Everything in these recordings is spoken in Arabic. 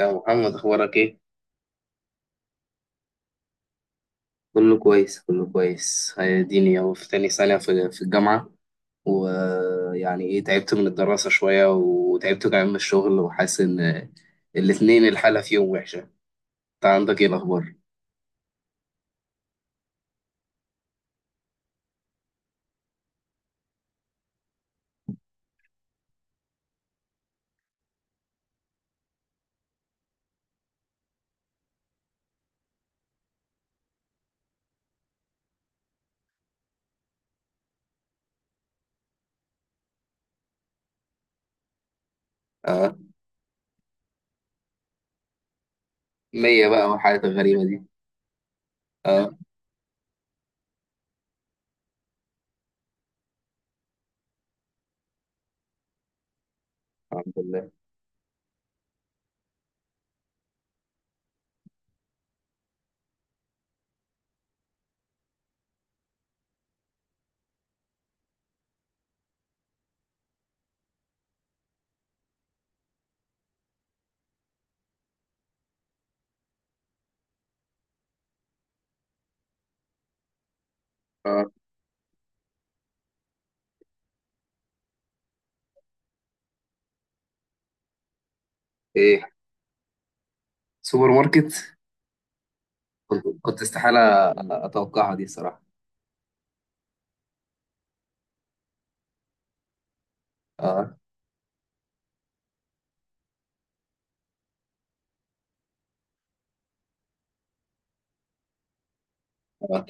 يا محمد، اخبارك ايه؟ كله كويس، كله كويس. اديني اهو في تاني سنة في الجامعة. ويعني ايه، تعبت من الدراسة شوية وتعبت كمان من الشغل، وحاسس ان الاتنين الحالة فيهم وحشة. انت عندك ايه الاخبار؟ اه. مية بقى، والحالات الغريبة دي. اه. الحمد لله. اه. ايه، سوبر ماركت؟ كنت استحالة اتوقعها دي، صراحة. اه. أه.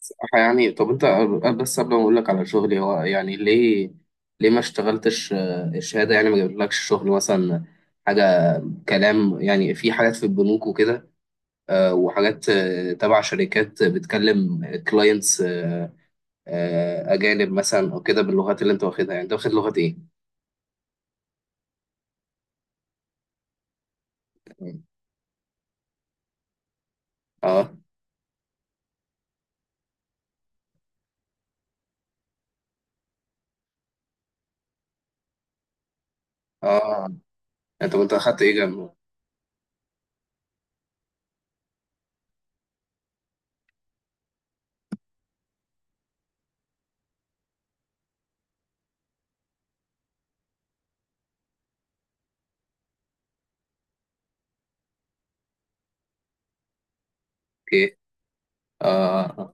صراحة يعني، طب انت، بس قبل ما اقول لك على شغلي، هو يعني ليه ما اشتغلتش؟ الشهادة يعني ما جابلكش شغل، مثلا، حاجة، كلام؟ يعني في حاجات في البنوك وكده، وحاجات تبع شركات بتكلم كلاينتس اجانب مثلا، او كده، باللغات اللي انت واخدها. يعني انت واخد لغة ايه؟ اه، اه. انت كنت اخدت ايه جنبه؟ اوكي. اه. آه.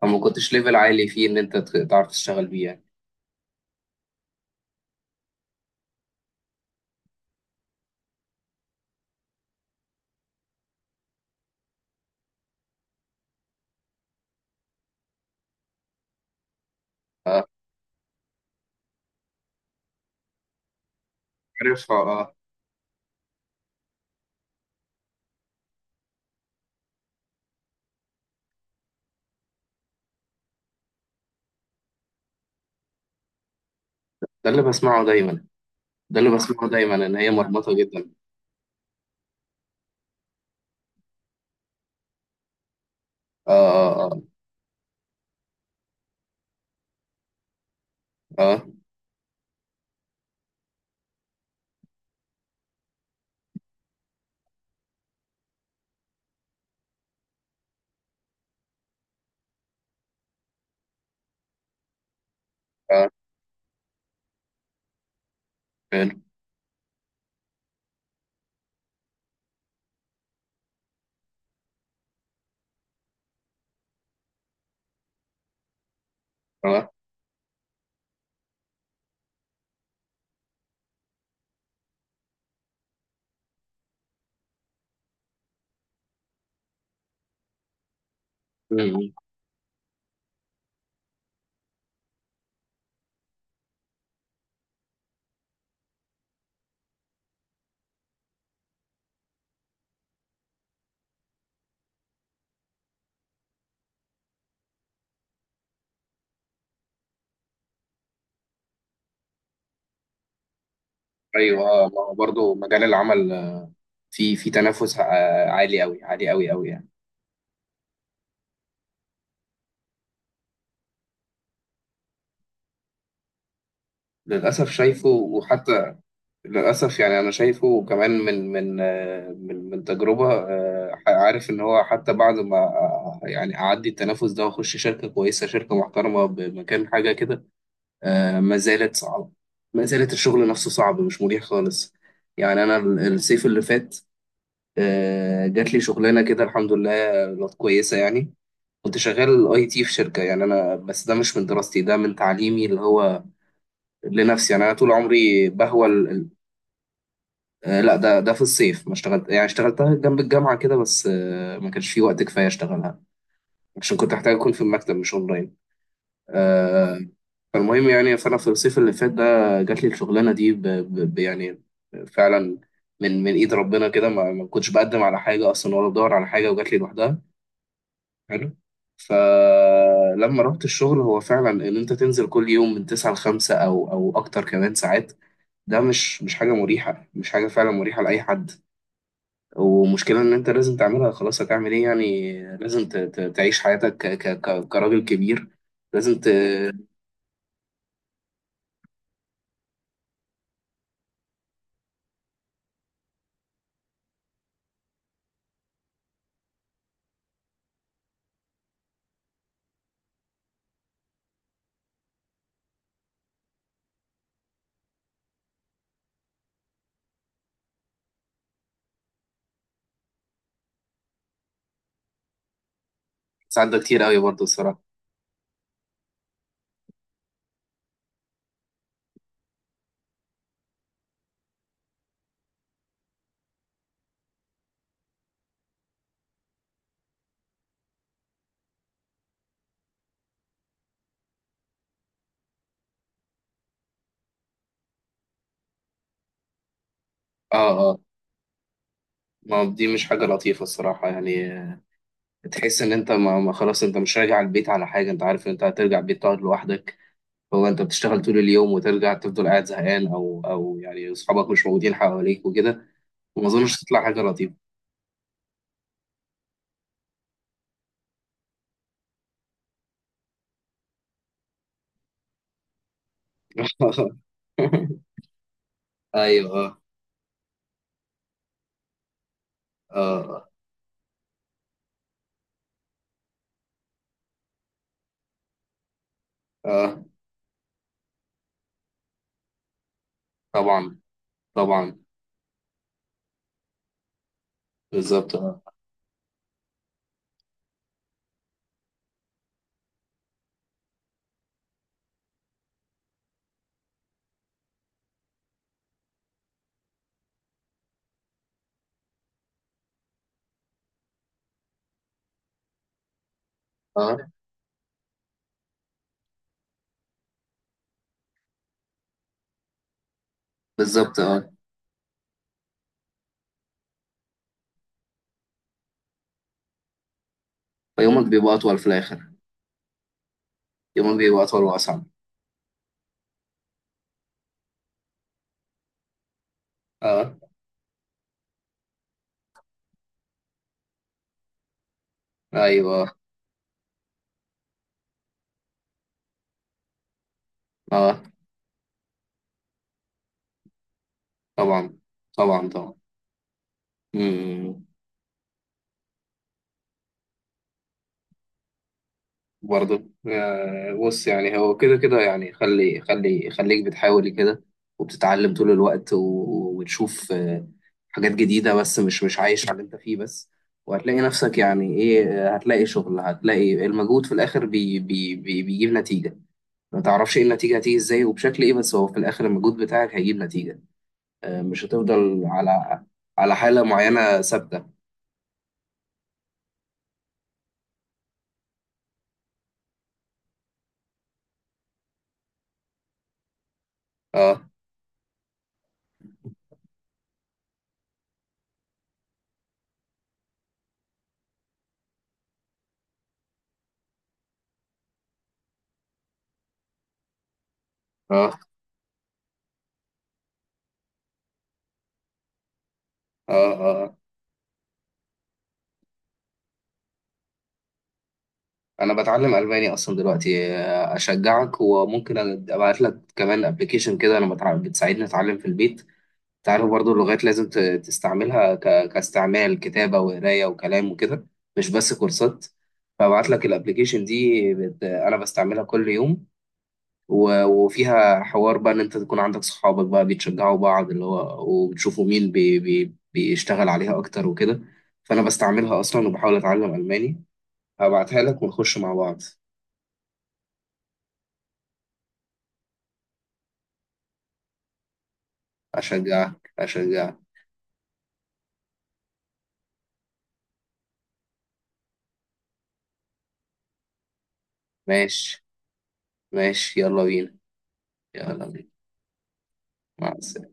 فما كنتش ليفل عالي فيه ان انت تعرف تشتغل بيه يعني. عارف، اه. آه. ده اللي بسمعه دايما. ده اللي بسمعه دايما، ان هي مرمطه جدا. اه، اه، اه، اه. فعلا. اه. مم. ايوه. ما هو برضه مجال العمل، في تنافس عالي قوي، عالي قوي قوي يعني. للاسف شايفه، وحتى للاسف، يعني انا شايفه كمان، من من تجربه. عارف ان هو حتى بعد ما يعني اعدي التنافس ده واخش شركه كويسه، شركه محترمه بمكان، حاجه كده، ما زالت صعبه. ما زالت الشغل نفسه صعب، مش مريح خالص. يعني انا الصيف اللي فات جات لي شغلانه كده، الحمد لله. كانت كويسه يعني. كنت شغال اي تي في شركه، يعني انا بس ده مش من دراستي، ده من تعليمي اللي هو لنفسي. يعني انا طول عمري بهوى لا، ده في الصيف ما اشتغلت، يعني اشتغلتها جنب الجامعه كده بس، ما كانش في وقت كفايه اشتغلها، عشان كنت احتاج اكون في المكتب مش اونلاين. آه، فالمهم يعني، فانا في الصيف اللي فات ده جات لي الشغلانه دي يعني فعلا، من ايد ربنا كده. ما كنتش بقدم على حاجه اصلا، ولا بدور على حاجه، وجات لي لوحدها. حلو. فلما رحت الشغل، هو فعلا ان انت تنزل كل يوم من 9 ل 5 او اكتر كمان ساعات. ده مش حاجه مريحه، مش حاجه فعلا مريحه لاي حد. ومشكله ان انت لازم تعملها، خلاص هتعمل ايه؟ يعني لازم تعيش حياتك كراجل كبير. لازم تساعد. ده كتير قوي برضه الصراحه. اه، اه. ما دي مش حاجه لطيفه الصراحه يعني. تحس ان انت ما خلاص، انت مش راجع البيت على حاجه، انت عارف ان انت هترجع البيت تقعد لوحدك. هو انت بتشتغل طول اليوم، وترجع تفضل قاعد زهقان، او يعني اصحابك مش موجودين حواليك وكده، وما اظنش تطلع حاجه لطيفه. ايوه، اه. اه، اه. طبعا، طبعا. بالظبط، اه. اه، بالظبط، اه. فيومك بيبقى اطول في الاخر. يومك بيبقى اطول واصعب. اه. ايوه، اه. طبعا، طبعا، طبعا. برضه. بص يعني، هو كده كده، يعني خلي خلي خليك بتحاول كده وبتتعلم طول الوقت، وتشوف حاجات جديدة، بس مش مش عايش على اللي انت فيه بس. وهتلاقي نفسك، يعني ايه، هتلاقي شغل، هتلاقي المجهود في الآخر بي بي بي بيجيب نتيجة. ما تعرفش ايه النتيجة، هتيجي ازاي وبشكل ايه، بس هو في الآخر المجهود بتاعك هيجيب نتيجة. مش هتفضل على حالة معينة ثابتة. اه، اه، اه، اه. انا بتعلم الماني اصلا دلوقتي. اشجعك، وممكن ابعت لك كمان ابلكيشن كده. انا بتساعدني اتعلم في البيت. تعرف برضو، اللغات لازم تستعملها كاستعمال، كتابة وقراية وكلام وكده، مش بس كورسات. فابعت لك الابلكيشن دي. انا بستعملها كل يوم، وفيها حوار بقى ان انت تكون عندك صحابك بقى بيتشجعوا بعض، اللي هو، وبتشوفوا مين بيشتغل عليها اكتر وكده. فانا بستعملها اصلا وبحاول اتعلم الماني، هبعتها لك ونخش مع بعض. أشجعك، أشجعك. ماشي. ماشي، يلا بينا. يلا بينا، مع السلامة.